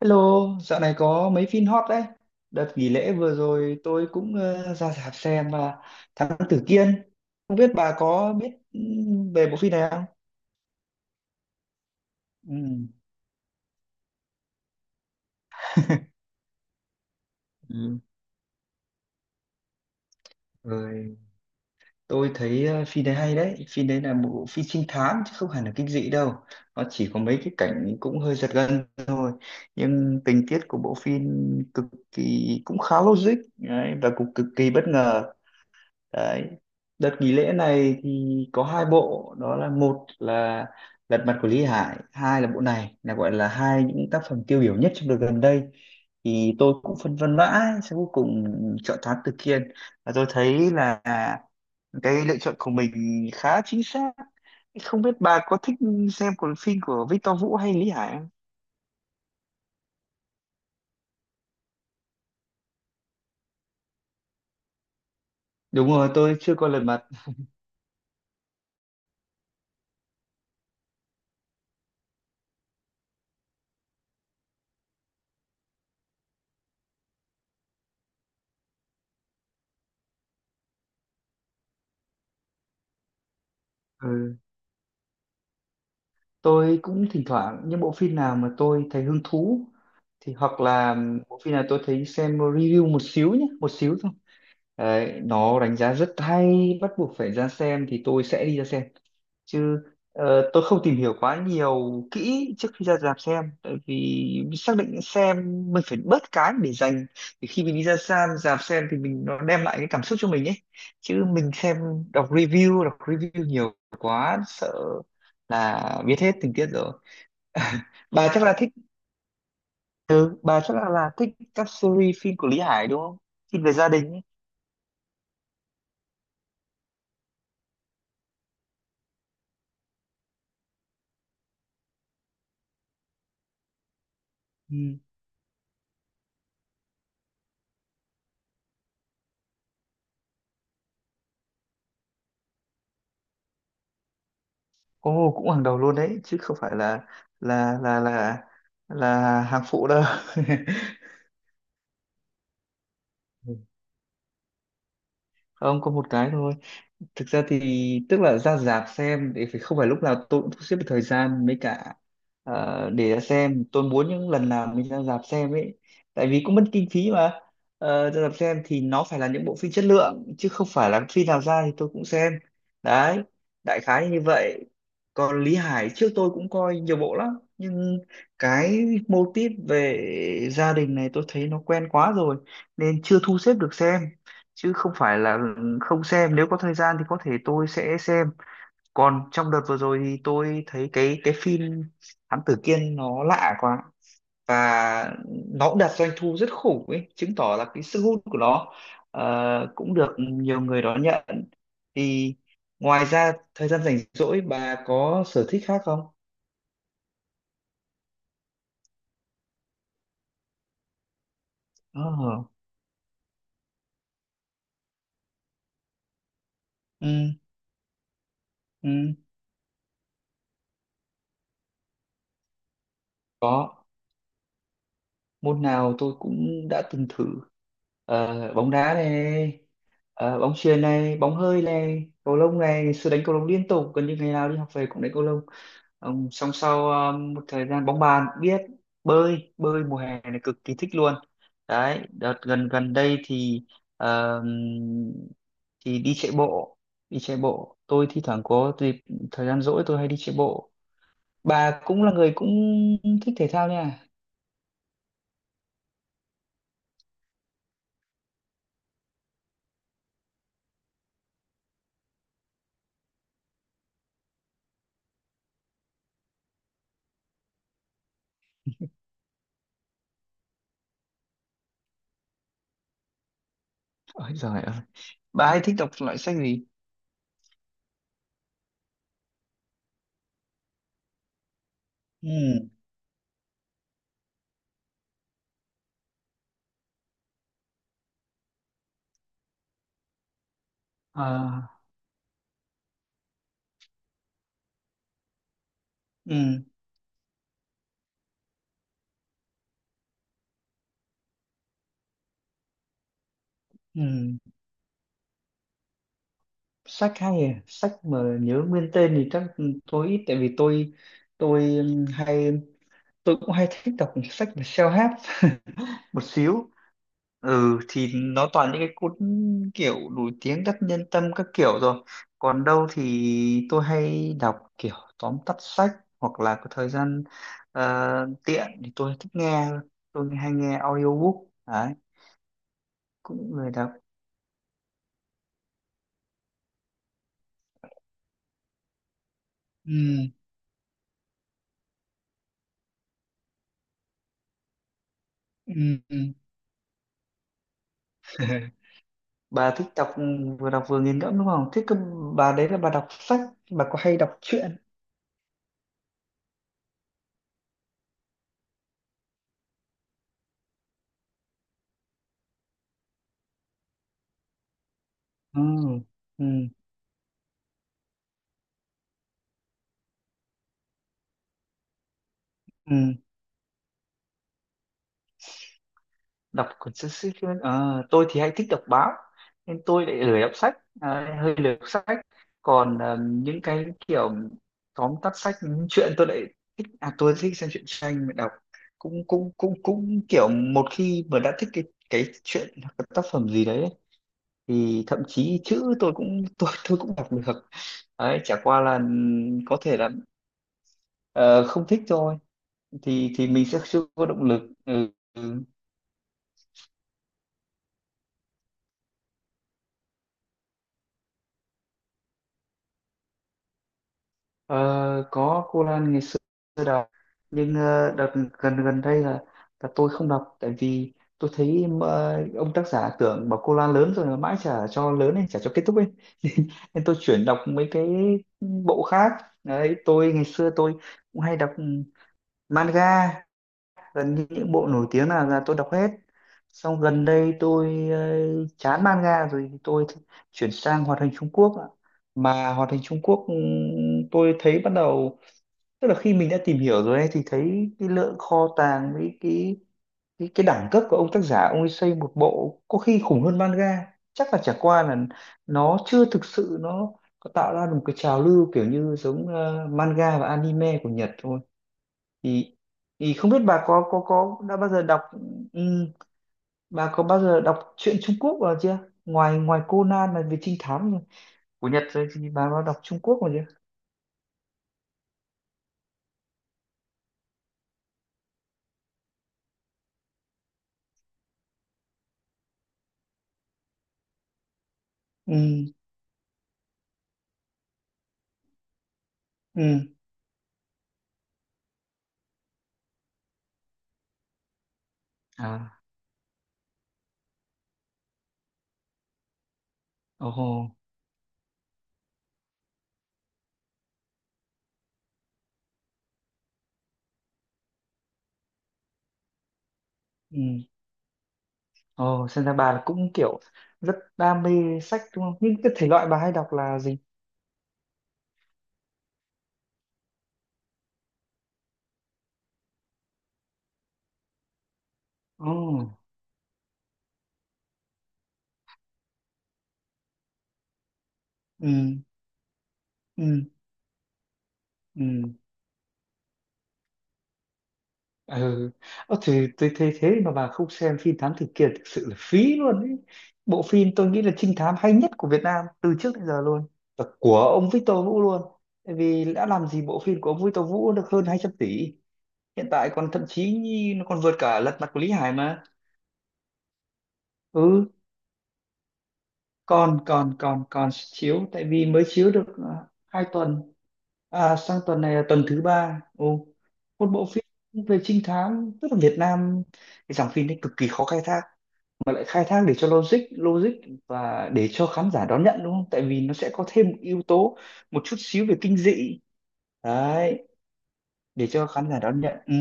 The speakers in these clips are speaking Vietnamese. Hello, dạo này có mấy phim hot đấy. Đợt nghỉ lễ vừa rồi tôi cũng ra rạp xem Thám Tử Kiên. Không biết bà có biết về bộ phim này không? Ừ. Ừ. Rồi tôi thấy phim đấy hay đấy. Phim đấy là một bộ phim trinh thám chứ không hẳn là kinh dị đâu. Nó chỉ có mấy cái cảnh cũng hơi giật gân thôi. Nhưng tình tiết của bộ phim cực kỳ cũng khá logic đấy, và cũng cực kỳ bất ngờ đấy. Đợt nghỉ lễ này thì có 2 bộ, đó là: một là Lật Mặt của Lý Hải, hai là bộ này, là gọi là hai những tác phẩm tiêu biểu nhất trong đợt gần đây. Thì tôi cũng phân vân mãi sau cuối cùng chọn Thám Tử Kiên và tôi thấy là cái lựa chọn của mình khá chính xác. Không biết bà có thích xem của phim của Victor Vũ hay Lý Hải không? Đúng rồi, tôi chưa coi Lật Mặt. Ừ, tôi cũng thỉnh thoảng những bộ phim nào mà tôi thấy hứng thú thì, hoặc là bộ phim nào tôi thấy xem review một xíu nhé, một xíu thôi, đấy nó đánh giá rất hay bắt buộc phải ra xem thì tôi sẽ đi ra xem. Chứ tôi không tìm hiểu quá nhiều kỹ trước khi ra rạp xem, tại vì xác định xem mình phải bớt cái để dành để khi mình đi ra xem rạp xem thì mình nó đem lại cái cảm xúc cho mình ấy, chứ mình xem đọc review, đọc review nhiều quá sợ là biết hết tình tiết rồi. Bà chắc là thích. Ừ, bà chắc là thích các series phim của Lý Hải, đúng không, phim về gia đình ấy. Ừ. Ồ, cũng hàng đầu luôn đấy, chứ không phải là là là là là hàng phụ đâu. Ừ. Không có một cái thôi, thực ra thì tức là ra rạp xem thì phải, không phải lúc nào tôi cũng sắp xếp được thời gian, với cả để ra xem, tôi muốn những lần nào mình ra rạp xem ấy, tại vì cũng mất kinh phí mà. Ờ, ra rạp xem thì nó phải là những bộ phim chất lượng chứ không phải là phim nào ra thì tôi cũng xem, đấy, đại khái như vậy. Còn Lý Hải trước tôi cũng coi nhiều bộ lắm nhưng cái mô típ về gia đình này tôi thấy nó quen quá rồi nên chưa thu xếp được xem, chứ không phải là không xem, nếu có thời gian thì có thể tôi sẽ xem. Còn trong đợt vừa rồi thì tôi thấy cái phim Thám Tử Kiên nó lạ quá và nó cũng đạt doanh thu rất khủng ấy, chứng tỏ là cái sức hút của nó, cũng được nhiều người đón nhận. Thì ngoài ra thời gian rảnh rỗi bà có sở thích khác không? Ờ, ừ, ừ, có môn nào tôi cũng đã từng thử. Ờ, bóng đá này, bóng chuyền này, bóng hơi này, cầu lông này, ngày xưa đánh cầu lông liên tục gần như ngày nào đi học về cũng đánh cầu lông. Xong song sau một thời gian bóng bàn cũng biết, bơi bơi mùa hè này cực kỳ thích luôn. Đấy, đợt gần gần đây thì ờ, thì đi chạy bộ, đi chạy bộ tôi thi thoảng có dịp thời gian rỗi tôi hay đi chạy bộ. Bà cũng là người cũng thích thể thao nha. Ôi giời ơi, bà hay thích đọc loại sách gì? Ừ. Ờ, ừ, ừ, sách hay à? Sách mà nhớ nguyên tên thì chắc tôi ít, tại vì tôi hay tôi cũng hay thích đọc sách về self-help một xíu. Ừ thì nó toàn những cái cuốn kiểu nổi tiếng đắc nhân tâm các kiểu rồi. Còn đâu thì tôi hay đọc kiểu tóm tắt sách, hoặc là có thời gian tiện thì tôi thích nghe, tôi hay nghe audiobook. Đấy, cũng lười đọc. Ừ, ừ, ừ. Bà thích đọc, vừa đọc vừa nghiền ngẫm đúng không, thế cơ bà, đấy là bà đọc sách, bà có hay đọc truyện? Ừ, ừ, ừ. Đọc cuốn sách, sách truyện. Ờ, tôi thì hay thích đọc báo nên tôi lại lười đọc sách. Đấy, hơi lười đọc sách. Còn những cái kiểu tóm tắt sách những truyện tôi lại thích. À, tôi thích xem truyện tranh mà đọc cũng cũng cũng cũng kiểu một khi mà đã thích cái chuyện hoặc cái tác phẩm gì đấy thì thậm chí chữ tôi cũng tôi cũng đọc được. Đấy chả qua là có thể là ờ, không thích thôi, thì mình sẽ chưa có động lực. Ừ. Ừ. Ờ, có cô Lan ngày xưa tôi đọc, nhưng đợt gần gần đây là tôi không đọc, tại vì tôi thấy ông tác giả tưởng bảo cô Lan lớn rồi mà mãi chả cho lớn ấy, chả cho kết thúc ấy. Nên tôi chuyển đọc mấy cái bộ khác. Đấy tôi ngày xưa tôi cũng hay đọc manga, gần như những bộ nổi tiếng là tôi đọc hết. Xong gần đây tôi chán manga rồi thì chuyển sang hoạt hình Trung Quốc ạ. Mà hoạt hình Trung Quốc tôi thấy bắt đầu, tức là khi mình đã tìm hiểu rồi ấy, thì thấy cái lượng kho tàng với cái đẳng cấp của ông tác giả ông ấy xây một bộ có khi khủng hơn manga, chắc là chả qua là nó chưa thực sự nó có tạo ra được một cái trào lưu kiểu như giống manga và anime của Nhật thôi. thì thì không biết bà có đã bao giờ đọc, ừm, bà có bao giờ đọc truyện Trung Quốc vào chưa, ngoài ngoài Conan là về trinh thám của Nhật rồi thì bà có đọc Trung Quốc vào chưa? Ừ, ừ, à, ồ hồ, ừ. Ồ, xem ra bà là cũng kiểu rất đam mê sách đúng không, những cái thể loại bà hay đọc là gì? Ồ, ừ, ừ, ừ, ừ. Ơ thì tôi thấy thế mà bà không xem phim Thám Tử Kiên thực sự là phí luôn ấy. Bộ phim tôi nghĩ là trinh thám hay nhất của Việt Nam từ trước đến giờ luôn, và của ông Victor Vũ luôn, tại vì đã làm gì bộ phim của ông Victor Vũ được hơn 200 tỷ. Hiện tại còn thậm chí nó còn vượt cả Lật Mặt của Lý Hải mà. Ừ, còn còn còn còn chiếu, tại vì mới chiếu được à, 2 tuần, à, sang tuần này là tuần thứ ba. Ồ, một bộ phim về trinh thám, tức là Việt Nam cái dòng phim đấy cực kỳ khó khai thác, mà lại khai thác để cho logic logic và để cho khán giả đón nhận, đúng không, tại vì nó sẽ có thêm một yếu tố một chút xíu về kinh dị. Đấy, để cho khán giả đón nhận. Ừ,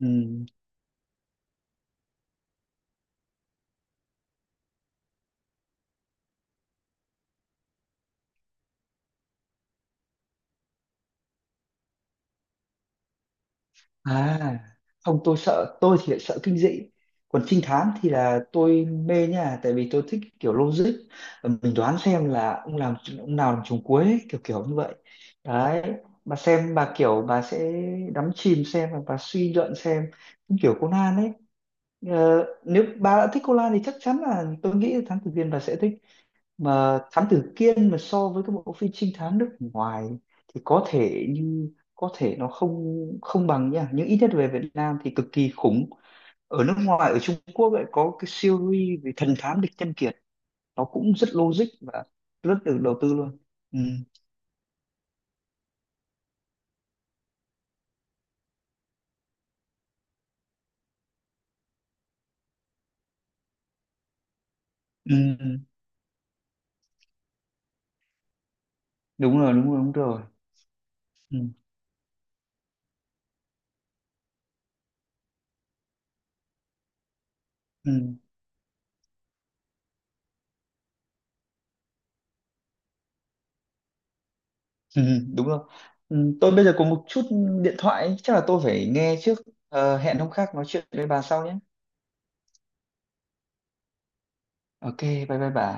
ừ. À, không tôi sợ, tôi thì lại sợ kinh dị. Còn trinh thám thì là tôi mê nha, tại vì tôi thích kiểu logic. Mình đoán xem là ông làm, ông nào làm trùng cuối ấy, kiểu kiểu như vậy. Đấy, bà xem bà kiểu bà sẽ đắm chìm xem và bà suy luận xem. Cũng kiểu Conan ấy. Ờ, nếu bà đã thích Conan thì chắc chắn là tôi nghĩ là Thám Tử Kiên bà sẽ thích. Mà Thám Tử Kiên mà so với các bộ phim trinh thám nước ngoài thì có thể nó không không bằng nha, nhưng ít nhất về Việt Nam thì cực kỳ khủng. Ở nước ngoài, ở Trung Quốc lại có cái series về thần thám Địch Nhân Kiệt, nó cũng rất logic và rất được đầu tư luôn. Ừ, ừ, ừ, đúng rồi, đúng rồi, đúng rồi, ừ, ừ, ừ, đúng rồi. Ừ, tôi bây giờ có một chút điện thoại chắc là tôi phải nghe trước. Ờ, hẹn hôm khác nói chuyện với bà sau nhé. Ok, bye bye bà.